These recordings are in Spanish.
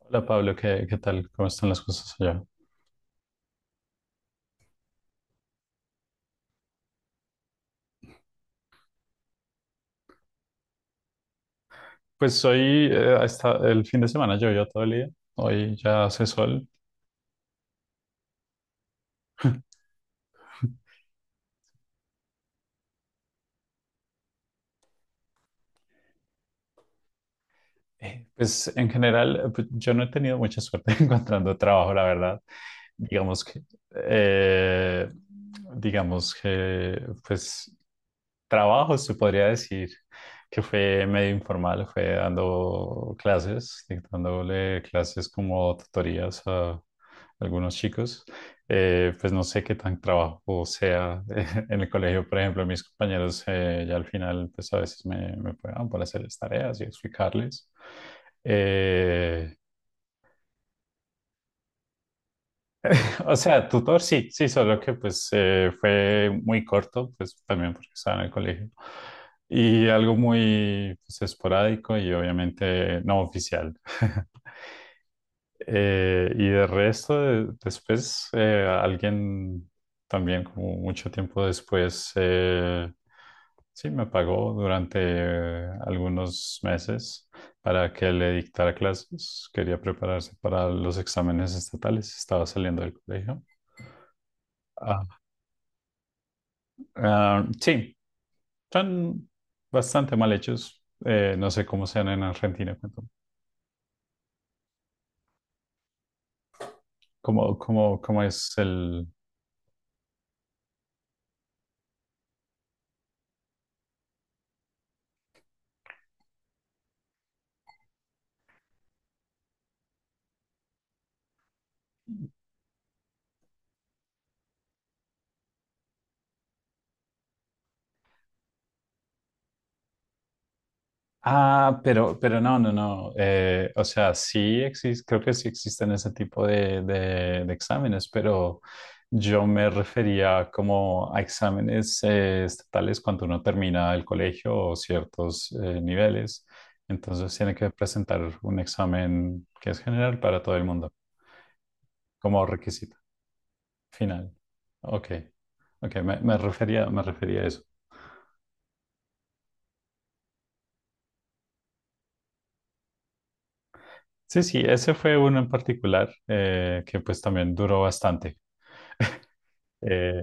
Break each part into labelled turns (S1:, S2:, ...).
S1: Hola Pablo, ¿qué tal? ¿Cómo están las cosas allá? Pues hoy, hasta el fin de semana llovió todo el día, hoy ya hace sol. Pues en general, yo no he tenido mucha suerte encontrando trabajo, la verdad. Digamos que, eh, digamos que, pues trabajo se podría decir que fue medio informal, fue dando clases, dictándole clases como tutorías a algunos chicos. Pues no sé qué tan trabajo sea en el colegio, por ejemplo, mis compañeros ya al final, pues a veces me pagaban para hacer las tareas y explicarles. Eh, o sea, tutor sí, sí, solo que pues fue muy corto, pues también porque estaba en el colegio. Y algo muy pues, esporádico y obviamente no oficial. Y de resto, después, alguien también, como mucho tiempo después, sí me pagó durante algunos meses para que le dictara clases. Quería prepararse para los exámenes estatales, estaba saliendo del colegio. Ah, ah, sí, son bastante mal hechos. No sé cómo sean en Argentina. Cuéntame. ¿Cómo, cómo, cómo es el... Ah, pero no, no, no. O sea, sí existe, creo que sí existen ese tipo de, de exámenes, pero yo me refería como a exámenes estatales cuando uno termina el colegio o ciertos niveles. Entonces tiene que presentar un examen que es general para todo el mundo como requisito final. Ok, ok, me refería, me refería a eso. Sí, sí, ese fue uno en particular que pues también duró bastante. Eh,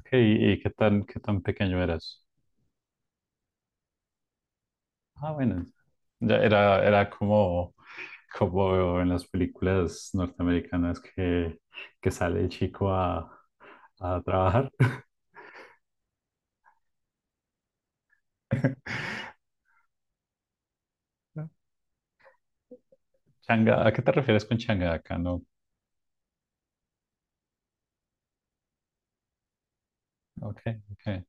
S1: ok, y qué tan pequeño eras? Ah, bueno, ya era, era como, como en las películas norteamericanas que sale el chico a trabajar. Changa, ¿a qué te refieres con changa acá? No, ok, ok.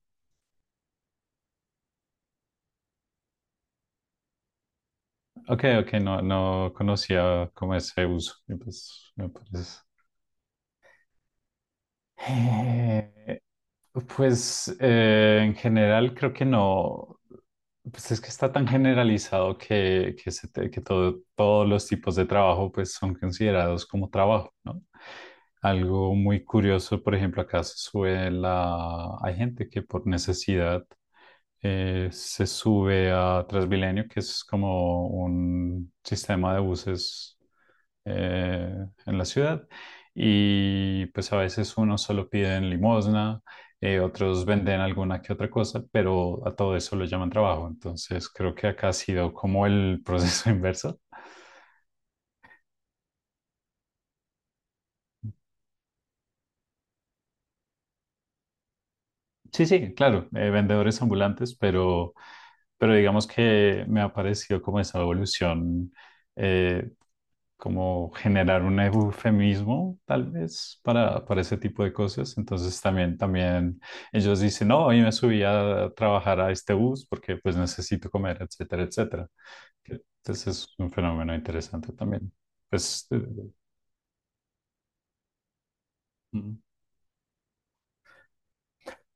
S1: Ok, ok, no, no conocía como ese uso. Y pues me parece. Eh, Pues en general creo que no, pues es que está tan generalizado que, que todos los tipos de trabajo pues son considerados como trabajo, ¿no? Algo muy curioso, por ejemplo, acá se sube la, hay gente que por necesidad se sube a Transmilenio, que es como un sistema de buses eh, en la ciudad. Y pues a veces uno solo pide en limosna, otros venden alguna que otra cosa, pero a todo eso lo llaman trabajo. Entonces creo que acá ha sido como el proceso inverso. Sí, sí, claro, vendedores ambulantes, pero digamos que me ha parecido como esa evolución, eh, como generar un eufemismo tal vez para ese tipo de cosas. Entonces también, también ellos dicen, no, hoy me subí a trabajar a este bus porque pues necesito comer, etcétera, etcétera. Entonces es un fenómeno interesante también. Pues, mm,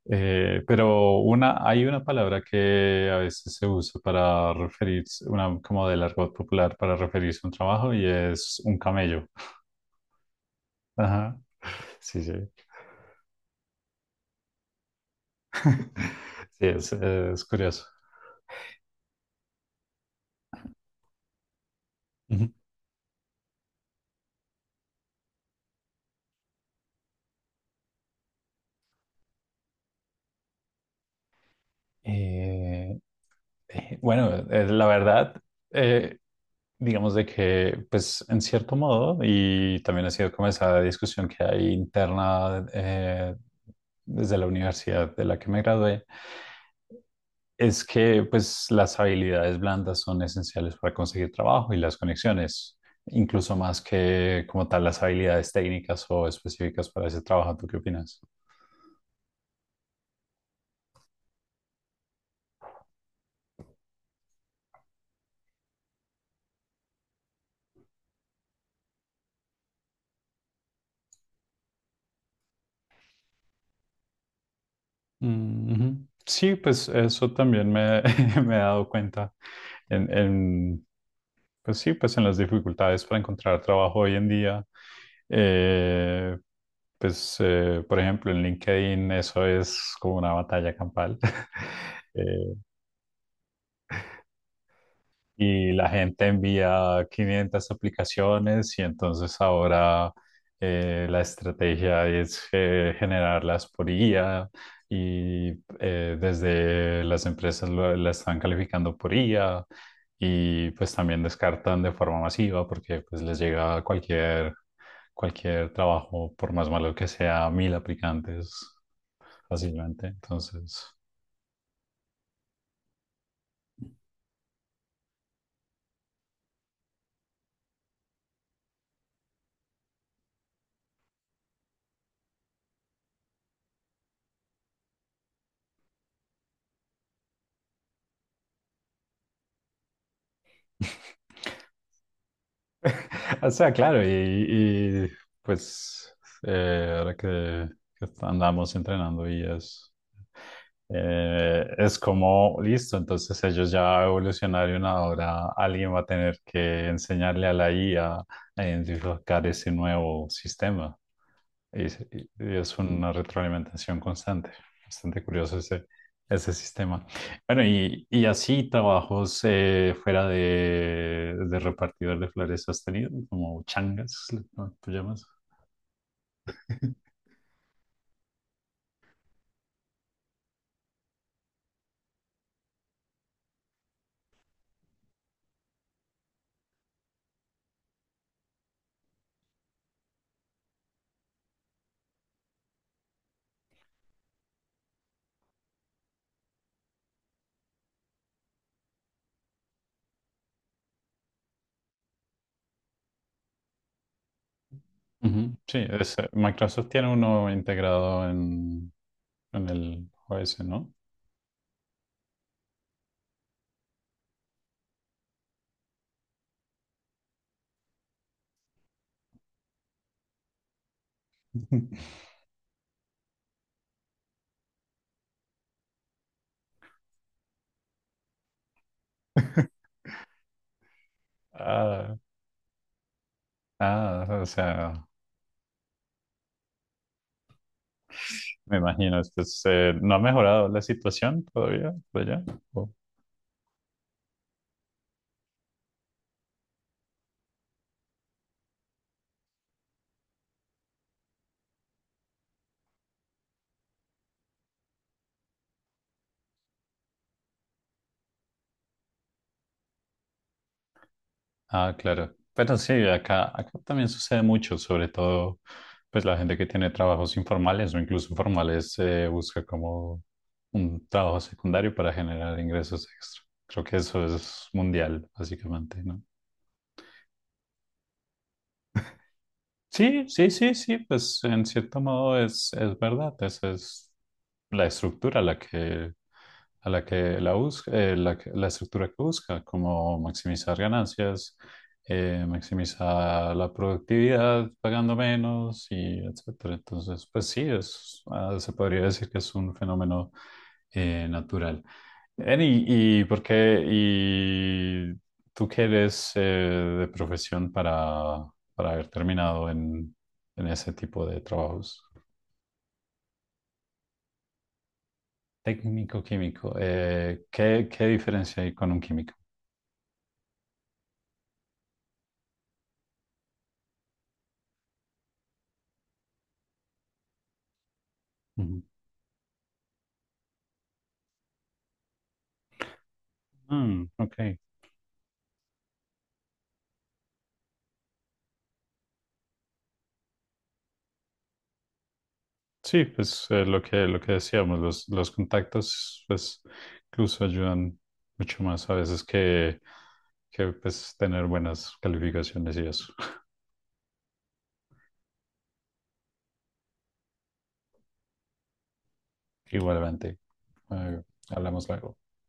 S1: pero una, hay una palabra que a veces se usa para referirse, una como del argot popular para referirse a un trabajo y es un camello. Ajá. Sí, sí. Sí, es curioso. Ujú. Eh, bueno, la verdad, eh, digamos de que, pues en cierto modo, y también ha sido como esa discusión que hay interna desde la universidad de la que me gradué, es que pues las habilidades blandas son esenciales para conseguir trabajo y las conexiones, incluso más que como tal las habilidades técnicas o específicas para ese trabajo. ¿Tú qué opinas? Mm, ujú. Sí, pues eso también me, me he dado cuenta en, pues sí, pues en las dificultades para encontrar trabajo hoy en día, eh, pues por ejemplo en LinkedIn eso es como una batalla campal. Eh, y la gente envía 500 aplicaciones y entonces ahora la estrategia es generarlas por IA y desde las empresas la están calificando por IA y pues también descartan de forma masiva porque pues les llega cualquier, cualquier trabajo, por más malo que sea, mil aplicantes fácilmente. Entonces... O sea, claro, y, pues ahora que andamos entrenando y es como, listo, entonces ellos ya evolucionaron, ahora alguien va a tener que enseñarle a la IA a identificar ese nuevo sistema. Y, es es una retroalimentación constante. Bastante curioso ese, ese sistema. Bueno, y así trabajos fuera de repartidor de flores has tenido, como changas, ¿no? ¿Tú llamas? Ujú. Sí, Microsoft tiene uno integrado en el OS, ¿no? Ah, ah, o sea, me imagino, esto es, ¿no ha mejorado la situación todavía por allá? Ah, claro. Pero sí, acá, acá también sucede mucho, sobre todo pues la gente que tiene trabajos informales o incluso formales busca como un trabajo secundario para generar ingresos extra. Creo que eso es mundial, básicamente, ¿no? Sí, sí, sí, sí, pues en cierto modo es verdad, esa es la estructura la que a la que la busca, la, la estructura que busca, como maximizar ganancias, maximizar la productividad pagando menos y etcétera. Entonces, pues sí, es, ah, se podría decir que es un fenómeno natural. Ven, y por qué? ¿Y tú qué eres de profesión para haber terminado en ese tipo de trabajos? Técnico-químico, ¿qué, qué diferencia hay con un químico? Mm, ok. Sí, pues lo que decíamos, los contactos, pues incluso ayudan mucho más a veces que pues, tener buenas calificaciones y eso. Igualmente, eh, hablamos luego.